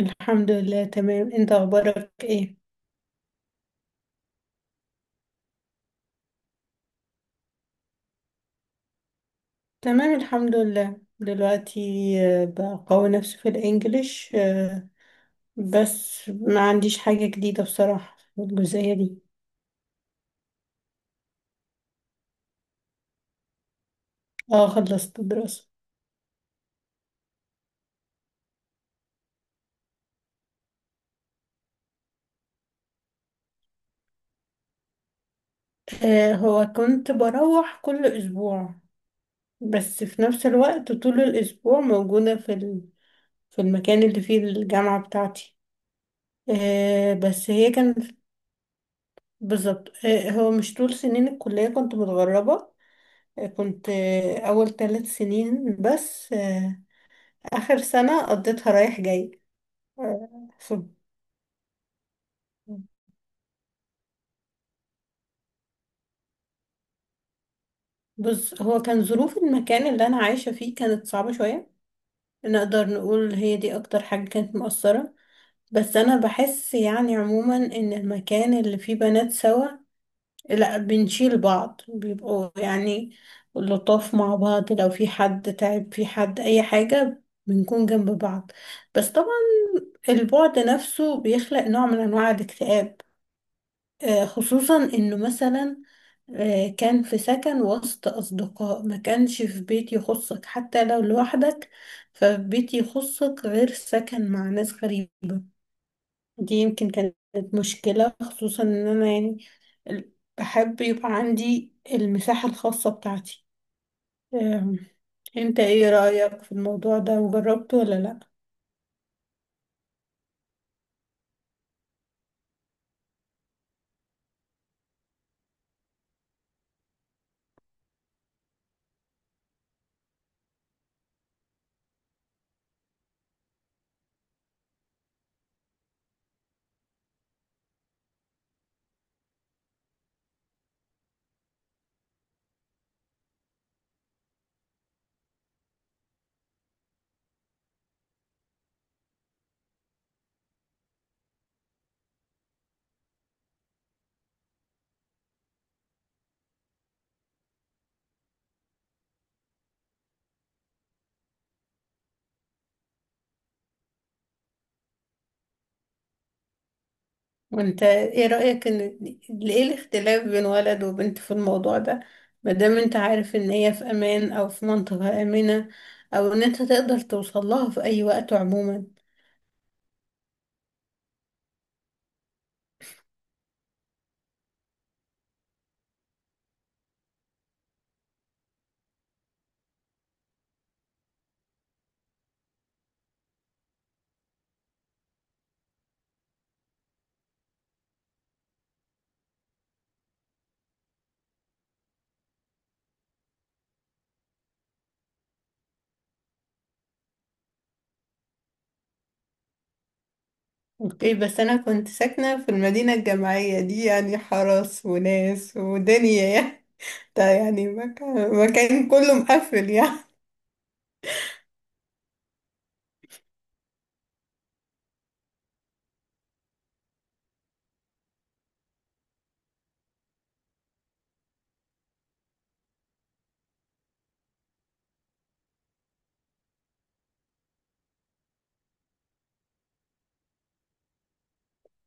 الحمد لله تمام، انت اخبارك ايه؟ تمام الحمد لله. دلوقتي بقوي نفسي في الانجليش، بس ما عنديش حاجة جديدة بصراحة في الجزئية دي. اه خلصت دراسة. هو كنت بروح كل اسبوع، بس في نفس الوقت طول الاسبوع موجودة في المكان اللي فيه الجامعة بتاعتي. بس هي كان. بالظبط، هو مش طول سنين الكلية كنت متغربة. كنت أول ثلاث سنين بس، آخر سنة قضيتها رايح جاي. آه، ف- بص، هو كان ظروف المكان اللي أنا عايشة فيه كانت صعبة شوية. نقدر نقول هي دي أكتر حاجة كانت مؤثرة. بس أنا بحس يعني عموما إن المكان اللي فيه بنات سوا، لا بنشيل بعض، بيبقوا يعني لطاف مع بعض، لو في حد تعب، في حد أي حاجة بنكون جنب بعض. بس طبعا البعد نفسه بيخلق نوع من أنواع الاكتئاب. خصوصا إنه مثلا كان في سكن وسط أصدقاء، ما كانش في بيت يخصك حتى لو لوحدك. فبيت يخصك غير سكن مع ناس غريبة. دي يمكن كانت مشكلة، خصوصا إن أنا يعني ال- بحب يبقى عندي المساحة الخاصة بتاعتي. آم، انت ايه رأيك في الموضوع ده، وجربته ولا لأ؟ وانت ايه رأيك ان ايه الاختلاف بين ولد وبنت في الموضوع ده، مادام انت عارف ان هي في امان، او في منطقة آمنة، او ان انت تقدر توصل لها في اي وقت عموما؟ اوكي، بس انا كنت ساكنة في المدينة الجامعية دي، يعني حرس وناس ودنيا يعني. ده يعني مكان كله مقفل يعني.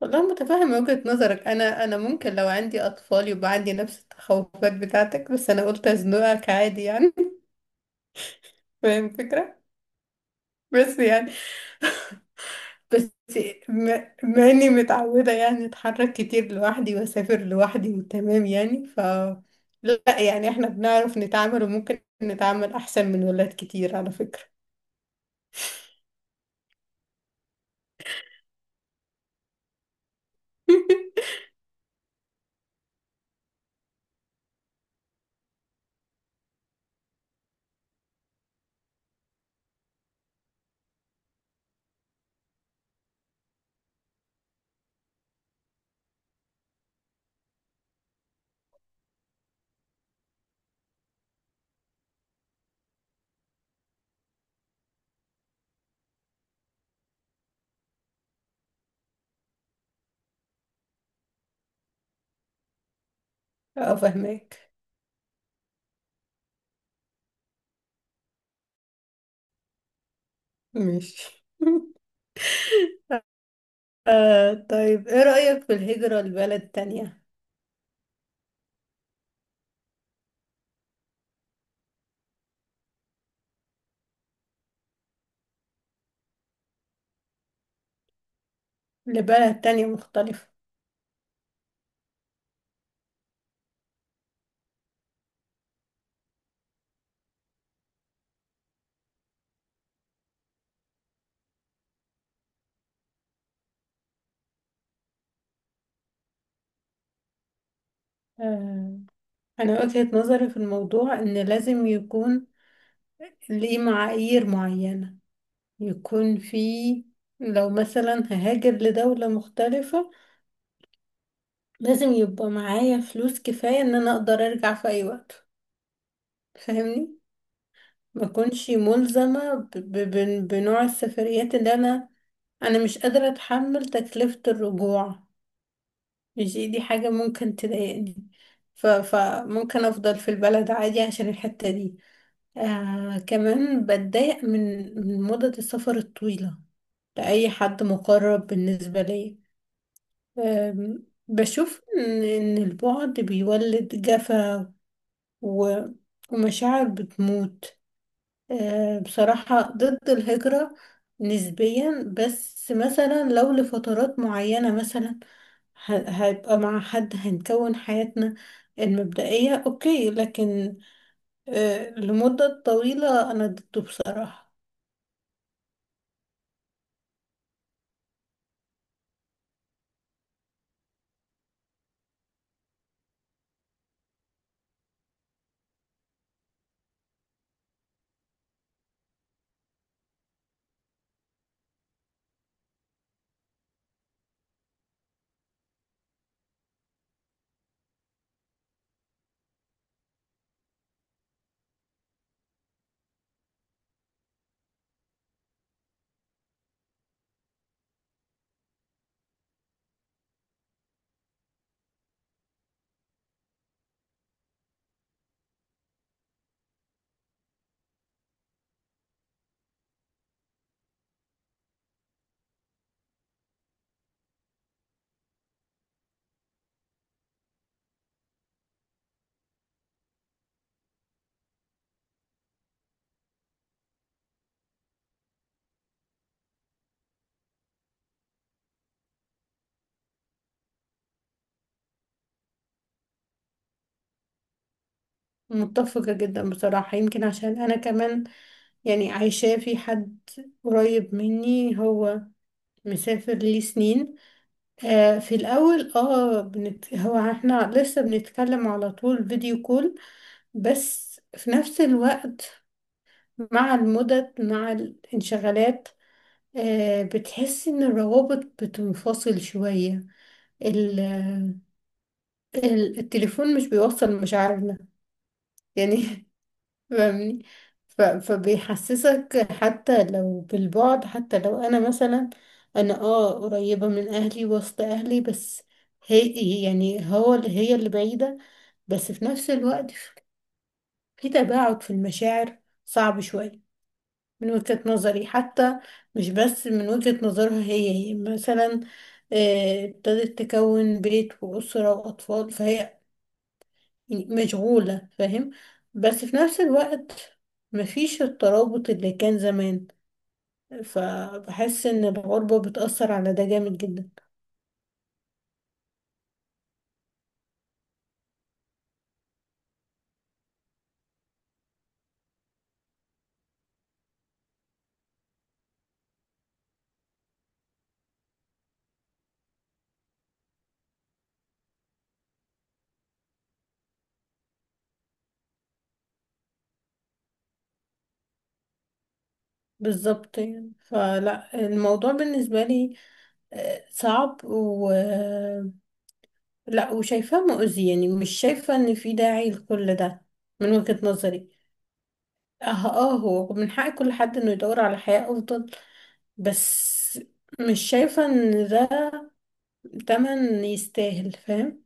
والله متفهمة وجهة نظرك، أنا ممكن لو عندي أطفال يبقى عندي نفس التخوفات بتاعتك، بس أنا قلت أزنقك عادي يعني. فاهم الفكرة. بس يعني، بس مع اني متعودة يعني اتحرك كتير لوحدي واسافر لوحدي وتمام يعني، ف لا يعني احنا بنعرف نتعامل، وممكن نتعامل احسن من ولاد كتير على فكرة. اه فهمك. ماشي. آه، طيب ايه رأيك في الهجرة لبلد تانية، لبلد تانية مختلفة؟ آه، انا وجهة نظري في الموضوع ان لازم يكون ليه معايير معينة، يكون في، لو مثلا ههاجر لدولة مختلفة لازم يبقى معايا فلوس كفاية ان انا اقدر ارجع في اي وقت. فاهمني؟ ما اكونش ملزمة بنوع السفريات اللي انا انا مش قادرة اتحمل تكلفة الرجوع. مش دي حاجة ممكن تضايقني، ف فممكن افضل في البلد عادي عشان الحتة دي. آه، كمان بتضايق من من مدة السفر الطويلة لأي حد مقرب بالنسبة لي. بشوف إن البعد بيولد جفا، و ومشاعر بتموت. بصراحة ضد الهجرة نسبيا، بس مثلا لو لفترات معينة، مثلا هيبقى مع حد هنكون حياتنا المبدئية أوكي، لكن لمدة طويلة أنا ضده بصراحة. متفقة جدا بصراحة، يمكن عشان أنا كمان، يعني عايشاه في حد قريب مني، هو مسافر ليه سنين. آه في الأول اه بنت، هو احنا لسه بنتكلم على طول فيديو كول، بس في نفس الوقت مع المدد مع الانشغالات، آه بتحس إن الروابط بتنفصل شوية. ال... التليفون مش بيوصل مشاعرنا يعني. فاهمني؟ فبيحسسك حتى لو بالبعد، حتى لو انا مثلا، انا اه قريبة من اهلي وسط اهلي، بس هي يعني هو اللي هي اللي بعيدة. بس في نفس الوقت في تباعد في المشاعر، صعب شوية من وجهة نظري، حتى مش بس من وجهة نظرها هي. هي مثلا ابتدت تكون بيت وأسرة وأطفال، فهي يعني مشغولة، فاهم؟ بس في نفس الوقت مفيش الترابط اللي كان زمان. فبحس ان الغربة بتأثر على ده جامد جدا. بالظبط يعني، فلا الموضوع بالنسبة لي صعب، و لا وشايفاه مؤذي يعني، مش شايفة ان في داعي لكل ده من وجهة نظري. اه اه هو من حق كل حد انه يدور على حياة افضل، بس مش شايفة ان ده تمن يستاهل، فاهم؟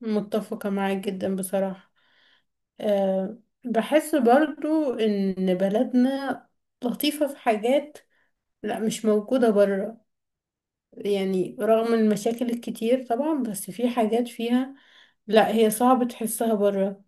متفقة معاك جدا بصراحة. أه، بحس برضو إن بلدنا لطيفة في حاجات، لا مش موجودة برا، يعني رغم المشاكل الكتير طبعا، بس في حاجات فيها لا هي صعب تحسها برا.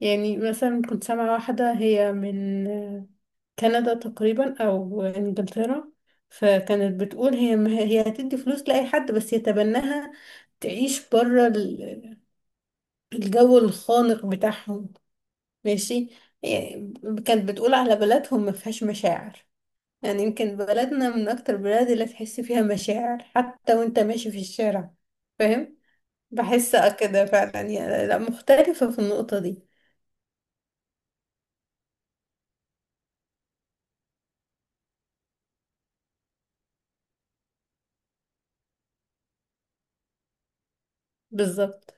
يعني مثلا كنت سامعة واحدة هي من كندا تقريبا أو إنجلترا، فكانت بتقول هي ما هي هتدي فلوس لأي حد بس يتبناها، تعيش برا الجو الخانق بتاعهم. ماشي. يعني كانت بتقول على بلدهم ما فيهاش مشاعر، يعني يمكن بلدنا من اكتر البلاد اللي تحس فيها مشاعر حتى وانت ماشي في الشارع. فاهم؟ بحس كده فعلا، يعني لا مختلفة في النقطة دي. بالظبط.